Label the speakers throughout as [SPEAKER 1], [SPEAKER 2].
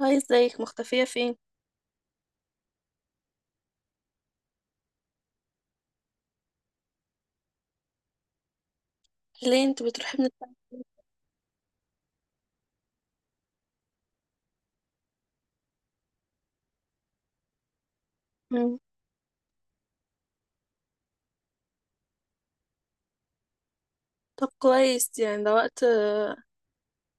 [SPEAKER 1] هاي، ازيك؟ مختفية فين؟ ليه انت بتروحي من الساعة كام؟ مم. طب كويس، يعني ده وقت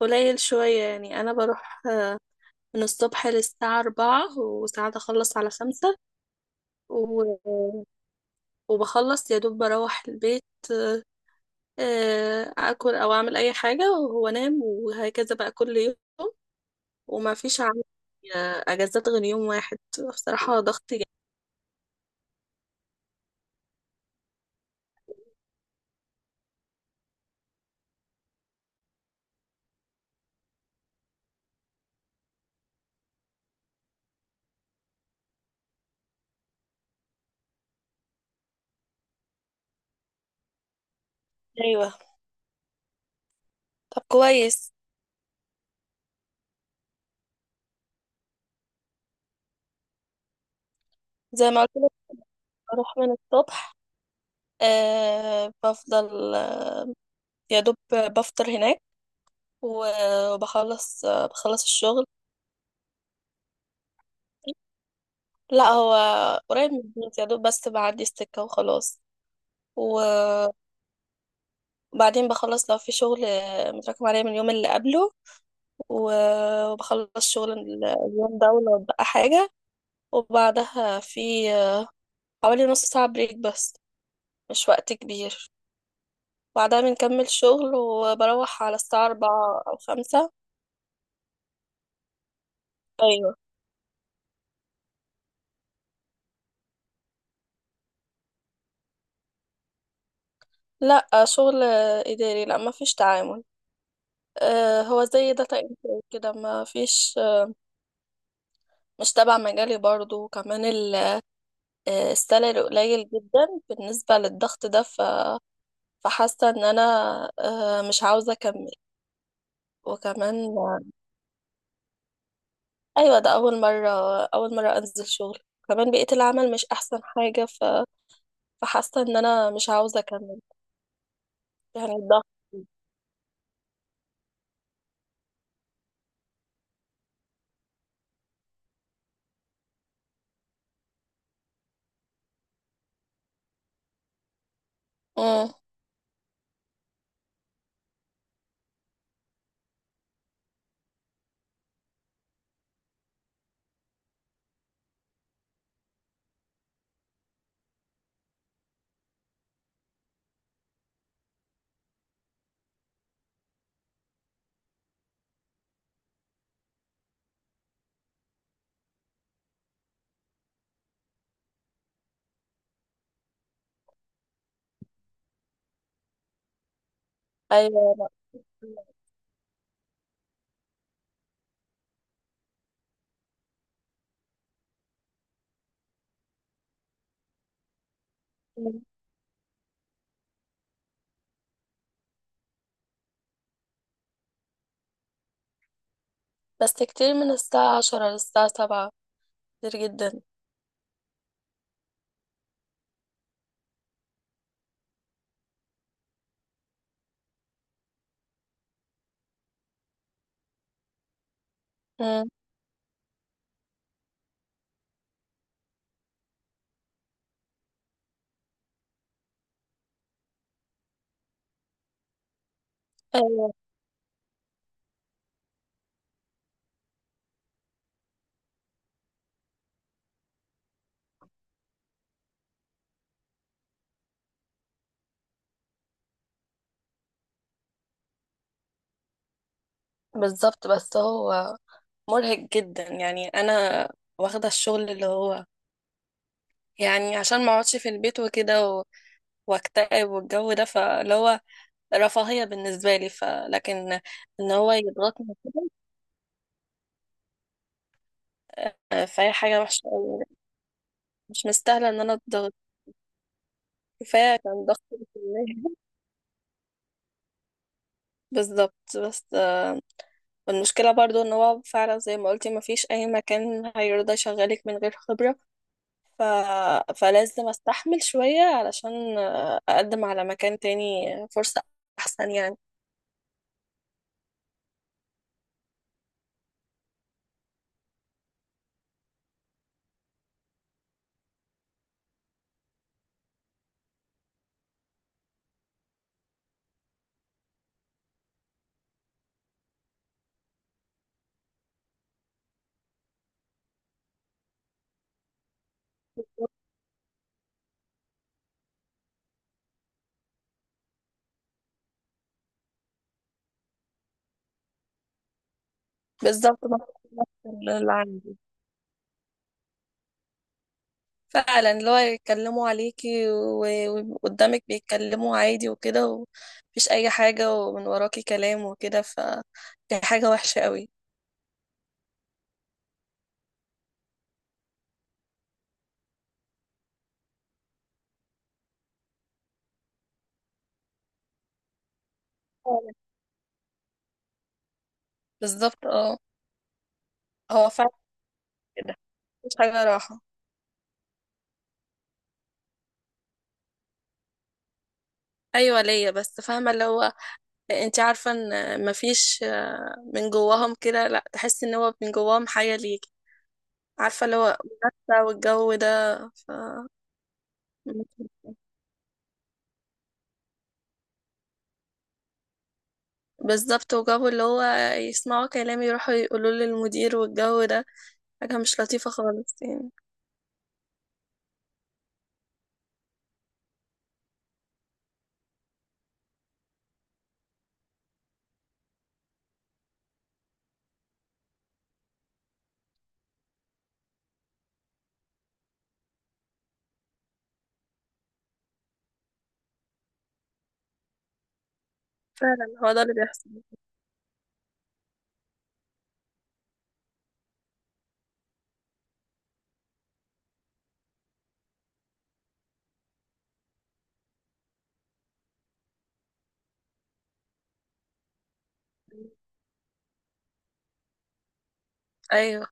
[SPEAKER 1] قليل شوية. يعني أنا بروح من الصبح للساعة 4، وساعات أخلص على 5. و... وبخلص يا دوب بروح البيت. آه، أكل أو أعمل أي حاجة وهو نام، وهكذا بقى كل يوم. وما فيش عندي أجازات غير يوم واحد. بصراحة ضغط جامد. ايوه. طب كويس. زي ما قلت لك بروح من الصبح. بفضل يا دوب بفطر هناك. وبخلص، بخلص الشغل. لا، هو قريب من البيت، يا دوب بس بعدي السكة وخلاص. وبعدين بخلص لو في شغل متراكم عليا من اليوم اللي قبله، وبخلص شغل اليوم ده ولو بقى حاجة. وبعدها في حوالي نص ساعة بريك بس، مش وقت كبير. بعدها بنكمل شغل وبروح على الساعة 4 أو 5. أيوة. لا، شغل إداري، لا مفيش تعامل. هو زي داتا انتري كده، ما فيش. مش تبع مجالي برضو. وكمان السالري قليل جدا بالنسبة للضغط ده. فحاسة ان انا مش عاوزة اكمل. وكمان ايوه، ده اول مرة، اول مرة انزل شغل. كمان بيئة العمل مش احسن حاجة. فحاسة ان انا مش عاوزة اكمل. يعني الضغط. امم. ايوه، لا. مم. بس كتير من الساعة 10 للساعة 7، كتير جدا. امم. بالظبط. بس هو مرهق جدا. يعني انا واخده الشغل اللي هو يعني عشان ما اقعدش في البيت وكده، واكتئب والجو ده، فاللي هو رفاهيه بالنسبه لي. فلكن ان هو يضغطني كده، فهي حاجه وحشه أوي. يعني مش مستاهله ان انا اتضغط. كفايه كان ضغط الكلية. بالظبط. بس المشكله برضو ان هو فعلا زي ما قلتي، ما فيش اي مكان هيرضى يشغلك من غير خبره. ف... فلازم استحمل شوية علشان اقدم على مكان تاني، فرصة احسن يعني. بالظبط، نفس اللي عندي. فعلا، اللي هو يتكلموا عليكي وقدامك بيتكلموا عادي وكده، ومفيش اي حاجة، ومن وراكي كلام وكده. دي حاجة وحشة قوي. فعلا. بالظبط، اه. هو فعلا كده، مفيش حاجة راحة. ايوه، ليا. بس فاهمه اللي هو، انت عارفه ان مفيش من جواهم كده، لا تحس ان هو من جواهم حاجه ليك. عارفة اللي هو منافسة والجو ده. ف... بالظبط. وجابوا اللي هو يسمعوا كلامي، يروحوا يقولوا للمدير والجو ده. حاجة مش لطيفة خالص يعني. فعلا هو ده اللي بيحصل. أيوه،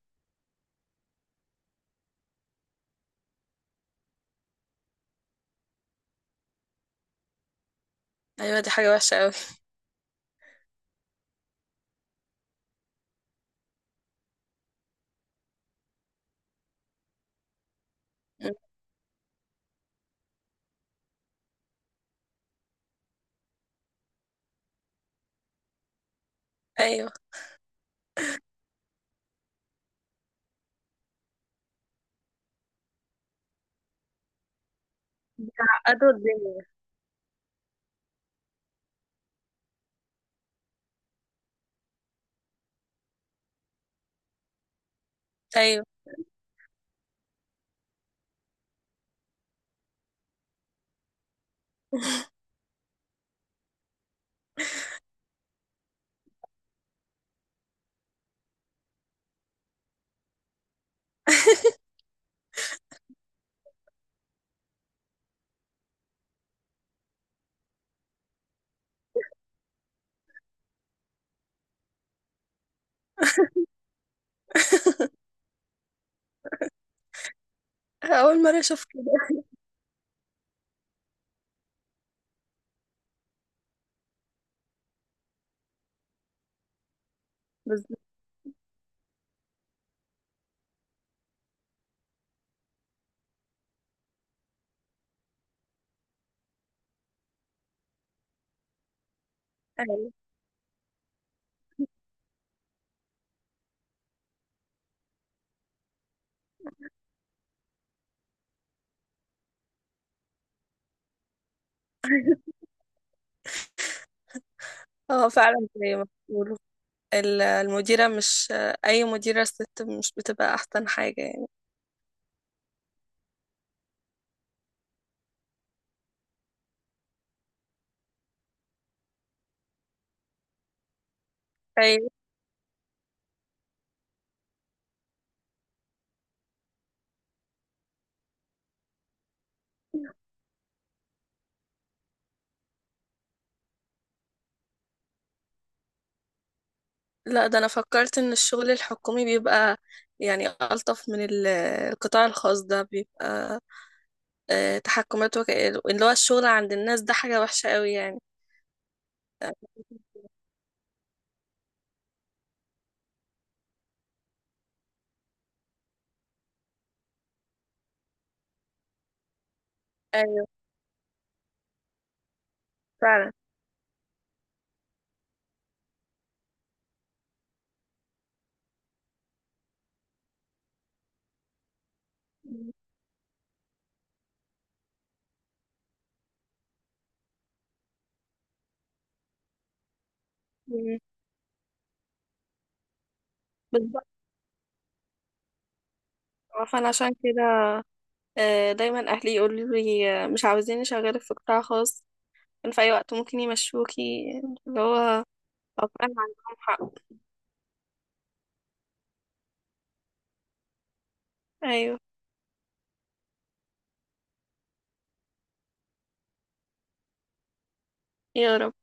[SPEAKER 1] أيوه. دي حاجة وحشة أوي. أيوه عقدوا الدنيا. أيوه. أول مرة أشوف كده. بالظبط. أيوه هو فعلا زي ما بيقولوا، المديرة، مش أي مديرة ست مش بتبقى أحسن حاجة يعني. أيوه. لا، ده انا فكرت ان الشغل الحكومي بيبقى يعني الطف من القطاع الخاص. ده تحكمات اللي هو الشغل عند الناس ده حاجة وحشة قوي يعني. ايوه فعلا. مم. بالظبط. فانا عشان كده دايما اهلي يقولوا لي مش عاوزين اشغلك في قطاع خاص، إن في اي وقت ممكن يمشوكي، اللي هو أبقى أنا عندهم حق. ايوه يا رب.